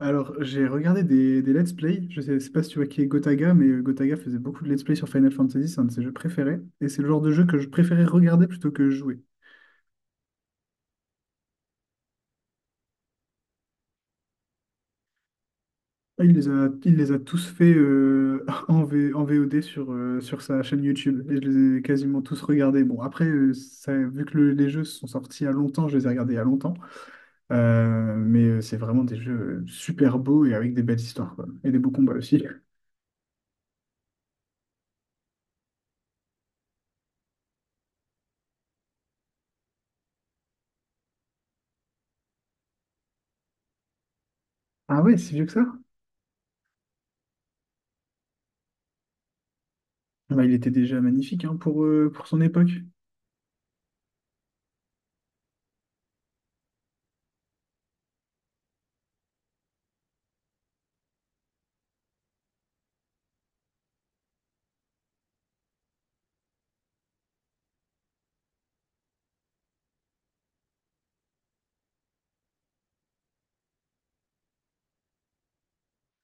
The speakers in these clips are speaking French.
Alors, j'ai regardé des let's play. Je sais pas si tu vois qui est Gotaga, mais Gotaga faisait beaucoup de let's play sur Final Fantasy, c'est un de ses jeux préférés. Et c'est le genre de jeu que je préférais regarder plutôt que jouer. Ah, il les a tous faits en VOD sur, sur sa chaîne YouTube. Et je les ai quasiment tous regardés. Bon, après, ça, vu que les jeux sont sortis il y a longtemps, je les ai regardés il y a longtemps. C'est vraiment des jeux super beaux et avec des belles histoires, quoi. Et des beaux combats aussi. Ah ouais, c'est vieux que ça? Bah, il était déjà magnifique hein, pour son époque.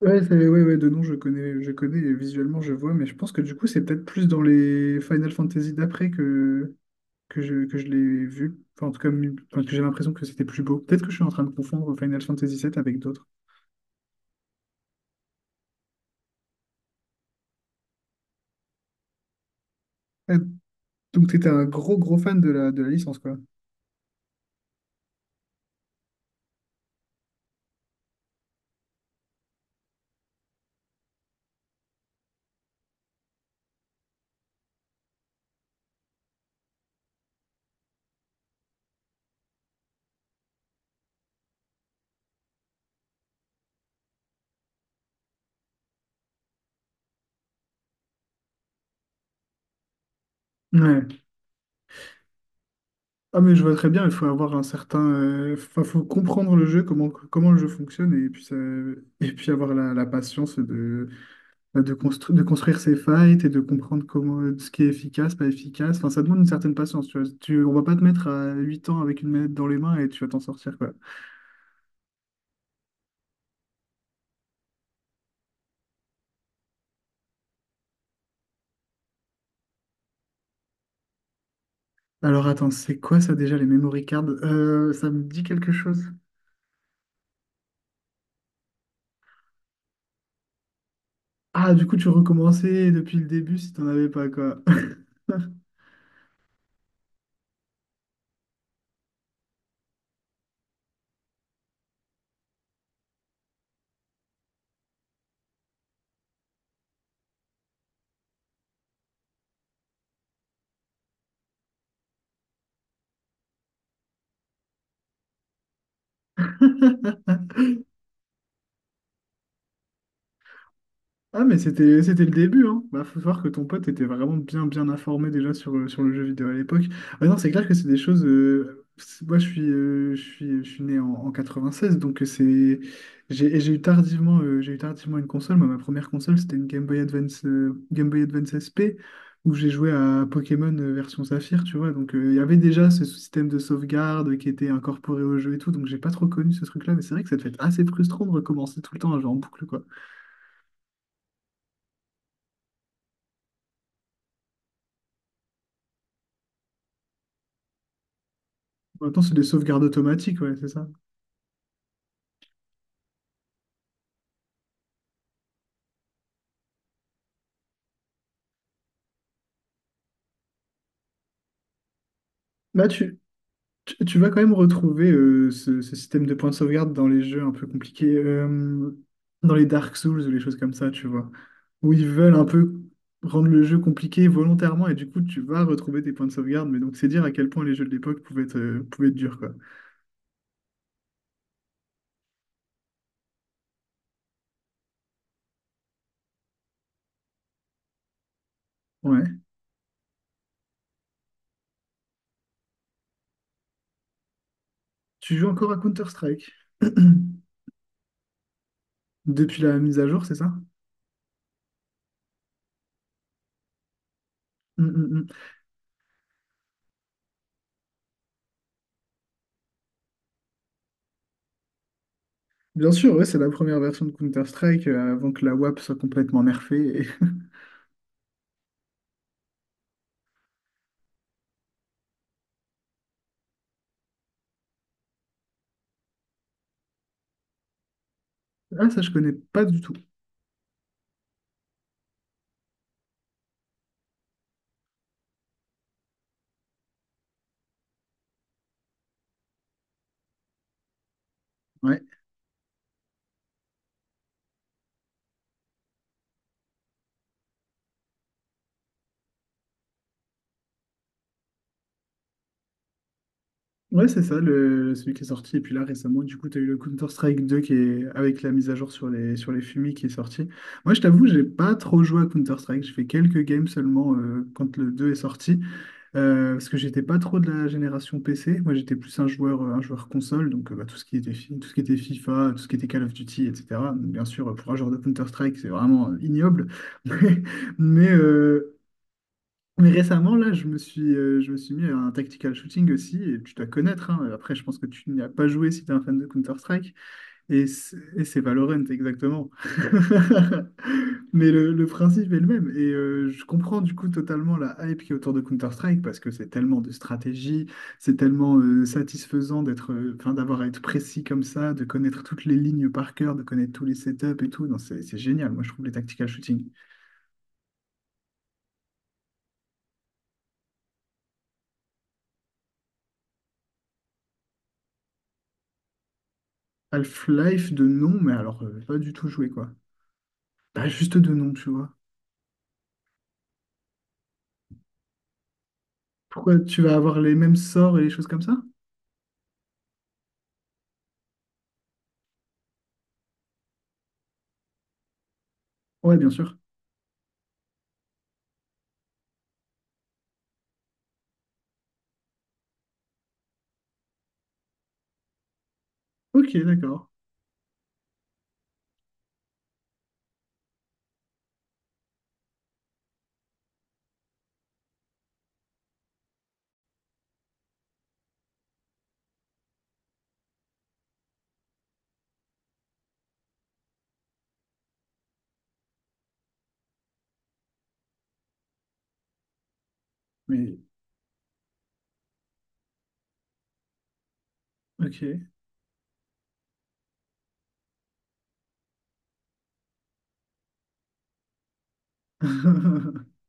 Ouais, de nom, je connais, et visuellement, je vois, mais je pense que du coup, c'est peut-être plus dans les Final Fantasy d'après que je l'ai vu. Enfin, en tout cas, enfin, que j'ai l'impression que c'était plus beau. Peut-être que je suis en train de confondre Final Fantasy VII avec d'autres. Ouais. Donc, t'étais un gros, gros fan de de la licence, quoi. Ouais. Ah, mais je vois très bien, il faut avoir un certain, enfin, faut comprendre le jeu, comment le jeu fonctionne et puis, et puis avoir la patience de, bah, de construire ses fights et de comprendre comment, ce qui est efficace, pas efficace. Enfin, ça demande une certaine patience, tu vois. On va pas te mettre à 8 ans avec une manette dans les mains et tu vas t'en sortir, quoi. Alors attends, c'est quoi ça déjà, les memory cards? Ça me dit quelque chose. Ah, du coup, tu recommençais depuis le début si t'en avais pas, quoi. Ah, mais c'était le début, hein. Bah, faut voir que ton pote était vraiment bien, bien informé déjà sur le jeu vidéo à l'époque. Ah non, c'est clair que c'est des choses. Moi, je suis né en 96, donc c'est. J'ai eu tardivement une console. Moi, ma première console, c'était une Game Boy Advance, Game Boy Advance S P où j'ai joué à Pokémon version Saphir, tu vois. Donc, il y avait déjà ce système de sauvegarde qui était incorporé au jeu et tout, donc j'ai pas trop connu ce truc-là, mais c'est vrai que ça devait être assez frustrant de recommencer tout le temps un jeu en boucle, quoi. En même temps, c'est des sauvegardes automatiques, ouais, c'est ça. Bah, tu vas quand même retrouver euh, ce système de points de sauvegarde dans les jeux un peu compliqués, dans les Dark Souls ou les choses comme ça, tu vois, où ils veulent un peu rendre le jeu compliqué volontairement et du coup, tu vas retrouver tes points de sauvegarde. Mais donc, c'est dire à quel point les jeux de l'époque pouvaient être durs, quoi. Ouais. Tu joues encore à Counter-Strike depuis la mise à jour, c'est ça? Mm, mm, mm. Bien sûr, ouais, c'est la première version de Counter-Strike avant que la WAP soit complètement nerfée. Et- Ah, ça, je connais pas du tout. Ouais, ouais c'est ça, le, celui qui est sorti. Et puis là, récemment, du coup, tu as eu le Counter-Strike 2 qui est avec la mise à jour sur les FUMI qui est sorti. Moi, je t'avoue, j'ai pas trop joué à Counter-Strike. J'ai fait quelques games seulement quand le 2 est sorti. Parce que j'étais pas trop de la génération PC. Moi, j'étais plus un joueur console. Donc, bah, tout ce qui était, tout ce qui était FIFA, tout ce qui était Call of Duty, etc. Donc, bien sûr, pour un joueur de Counter-Strike, c'est vraiment ignoble. Mais, mais, euh, Mais récemment, là, je me suis mis à un tactical shooting aussi, et tu dois connaître, hein. Après, je pense que tu n'y as pas joué si tu es un fan de Counter-Strike, et c'est Valorant, exactement. Mais le principe est le même, et je comprends du coup totalement la hype qui est autour de Counter-Strike, parce que c'est tellement de stratégie, c'est tellement satisfaisant enfin, d'avoir à être précis comme ça, de connaître toutes les lignes par cœur, de connaître tous les setups et tout. Non, c'est génial, moi je trouve les tactical shooting. Half-Life de nom, mais alors, pas du tout joué, quoi. Bah, juste deux noms, tu vois. Pourquoi tu vas avoir les mêmes sorts et les choses comme ça? Ouais, bien sûr. Ok, d'accord. Mais, ok.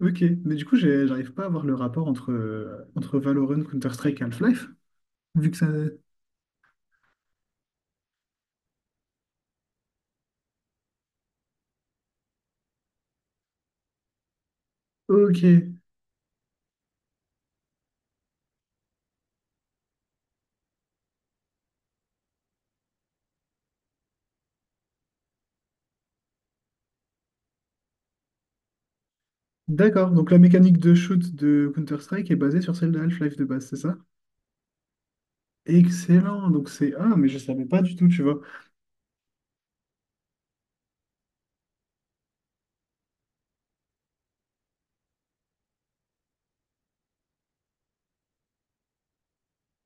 Ok, mais du coup, j'arrive pas à voir le rapport entre, entre Valorant, Counter-Strike et Half-Life, vu que ça... Ok, d'accord. Donc la mécanique de shoot de Counter-Strike est basée sur celle de Half-Life de base, c'est ça? Excellent. Donc c'est... Ah, mais je savais pas du tout, tu vois,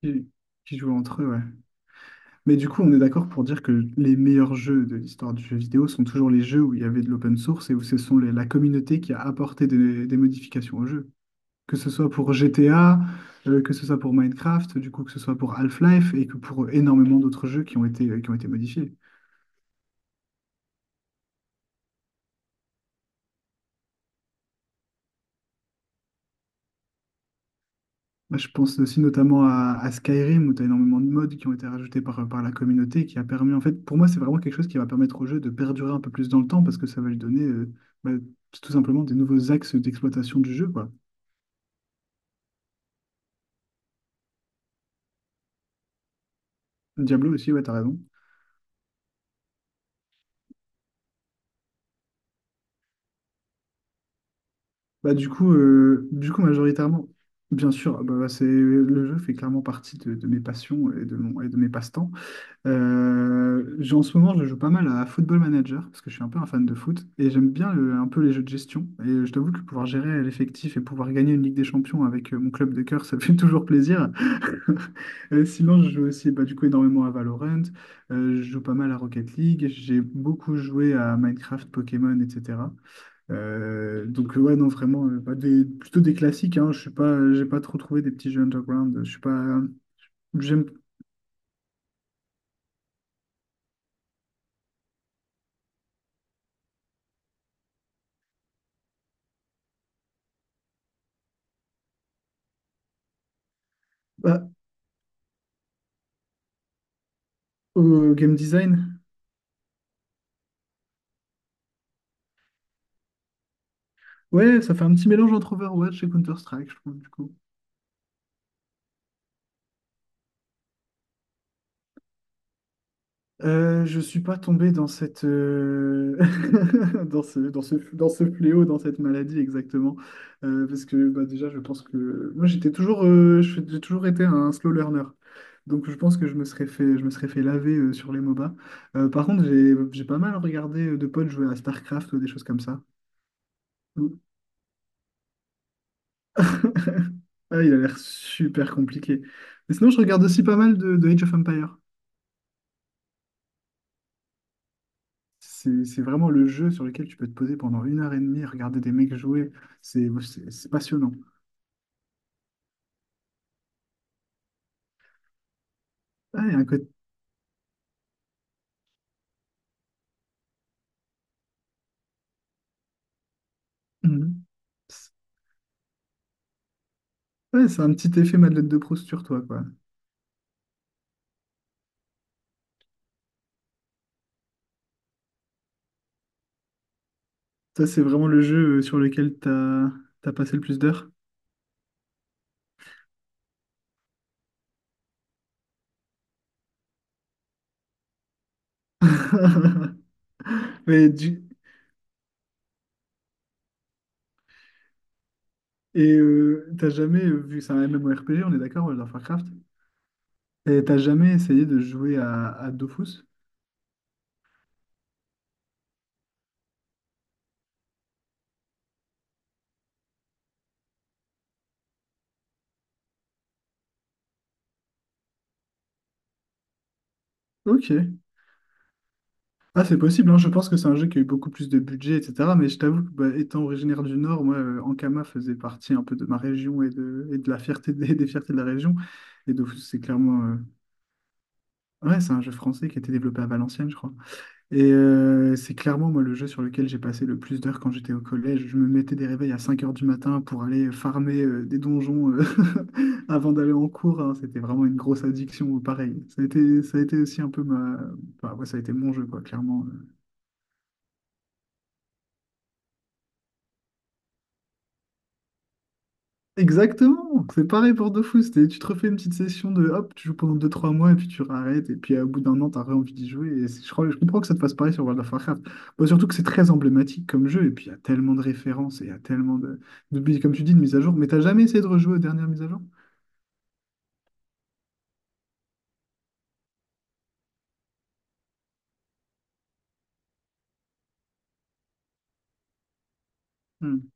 qui, qui jouent entre eux, ouais. Mais du coup, on est d'accord pour dire que les meilleurs jeux de l'histoire du jeu vidéo sont toujours les jeux où il y avait de l'open source et où ce sont la communauté qui a apporté des modifications au jeu. Que ce soit pour GTA, que ce soit pour Minecraft, du coup, que ce soit pour Half-Life et que pour énormément d'autres jeux qui ont été modifiés. Moi, je pense aussi notamment à Skyrim où tu as énormément de mods qui ont été rajoutés par, par la communauté qui a permis, en fait, pour moi, c'est vraiment quelque chose qui va permettre au jeu de perdurer un peu plus dans le temps parce que ça va lui donner bah, tout simplement des nouveaux axes d'exploitation du jeu, quoi. Diablo aussi, ouais, t'as raison. Bah, du coup, majoritairement, bien sûr, bah, le jeu fait clairement partie de mes passions et et de mes passe-temps. En ce moment, je joue pas mal à Football Manager, parce que je suis un peu un fan de foot, et j'aime bien un peu les jeux de gestion. Et je t'avoue que pouvoir gérer l'effectif et pouvoir gagner une Ligue des Champions avec mon club de cœur, ça fait toujours plaisir. Sinon, je joue aussi bah, du coup énormément à Valorant, je joue pas mal à Rocket League, j'ai beaucoup joué à Minecraft, Pokémon, etc. Donc ouais non vraiment bah, des, plutôt des classiques hein, je suis pas j'ai pas trop trouvé des petits jeux underground, je suis pas j'aime pas au game design. Ouais, ça fait un petit mélange entre Overwatch et Counter-Strike je trouve du coup. Je suis pas tombé dans cette, dans ce fléau, dans cette maladie exactement. Parce que bah, déjà, je pense que moi, j'ai toujours été un slow learner. Donc, je pense que je me serais fait laver sur les MOBA. Par contre, j'ai pas mal regardé de potes jouer à StarCraft ou des choses comme ça. Ou- Ah, il a l'air super compliqué. Mais sinon, je regarde aussi pas mal de Age of Empires. C'est vraiment le jeu sur lequel tu peux te poser pendant une heure et demie, regarder des mecs jouer. C'est passionnant. Ouais, il y a un côté- Mhm. C'est ouais, c'est un petit effet Madeleine de Proust sur toi, quoi. Ça, c'est vraiment le jeu sur lequel t'as passé le plus d'heures. Mais du- Et t'as jamais, vu que c'est un MMORPG, on est d'accord, World of Warcraft, et t'as jamais essayé de jouer à Dofus? Ok. Ah, c'est possible, hein. Je pense que c'est un jeu qui a eu beaucoup plus de budget, etc. Mais je t'avoue que, bah, étant originaire du Nord, moi, Ankama faisait partie un peu de ma région et et de la fierté des fiertés de la région. Et donc, c'est clairement. Ouais, c'est un jeu français qui a été développé à Valenciennes, je crois. Et c'est clairement, moi, le jeu sur lequel j'ai passé le plus d'heures quand j'étais au collège. Je me mettais des réveils à 5 heures du matin pour aller farmer des donjons avant d'aller en cours. Hein. C'était vraiment une grosse addiction, pareil. Ça a été aussi un peu ma. Enfin, ouais, ça a été mon jeu, quoi, clairement. Exactement, c'est pareil pour Dofus, tu te refais une petite session de hop, tu joues pendant deux trois mois et puis tu arrêtes et puis au bout d'un an t'as envie d'y jouer et je crois, je comprends que ça te fasse pareil sur World of Warcraft. Bon, surtout que c'est très emblématique comme jeu et puis il y a tellement de références et il y a tellement comme tu dis, de mises à jour, mais t'as jamais essayé de rejouer aux dernières mises à jour? Hmm.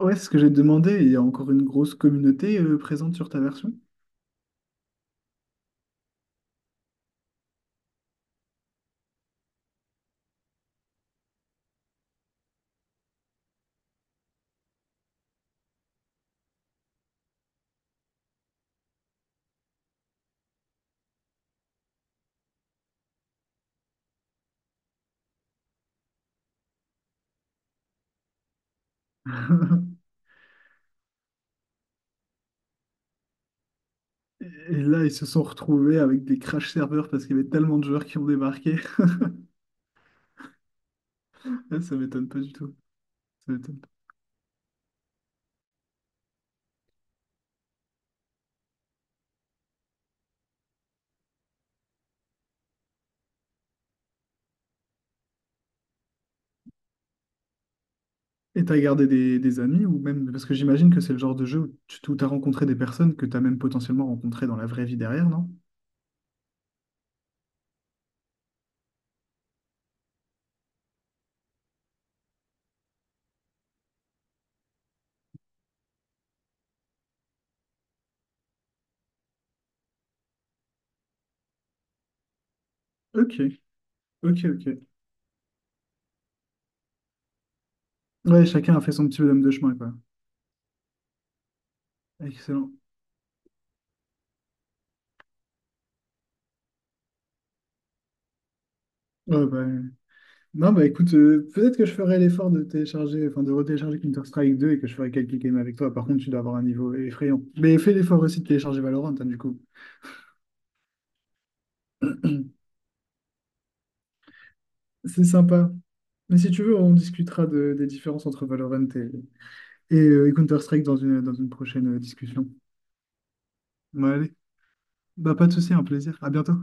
Ouais, c'est ce que j'ai demandé, et il y a encore une grosse communauté présente sur ta version. Et là, ils se sont retrouvés avec des crash serveurs parce qu'il y avait tellement de joueurs qui ont débarqué. Ça m'étonne pas du tout. Ça m'étonne. Et t'as gardé des amis ou même parce que j'imagine que c'est le genre de jeu où tu où t'as rencontré des personnes que t'as même potentiellement rencontrées dans la vraie vie derrière, non? Ok, ok, ok. Ouais, chacun a fait son petit bonhomme de chemin, quoi. Excellent. Ouais, bah, euh, non, bah écoute, peut-être que je ferai l'effort de télécharger, enfin de retélécharger Counter-Strike 2 et que je ferai quelques games avec toi. Par contre, tu dois avoir un niveau effrayant. Mais fais l'effort aussi de télécharger Valorant, hein, du coup. C'est sympa. Mais si tu veux, on discutera des différences entre Valorant et Counter-Strike dans une prochaine discussion. Bon, allez. Bah, pas de souci, un plaisir. À bientôt.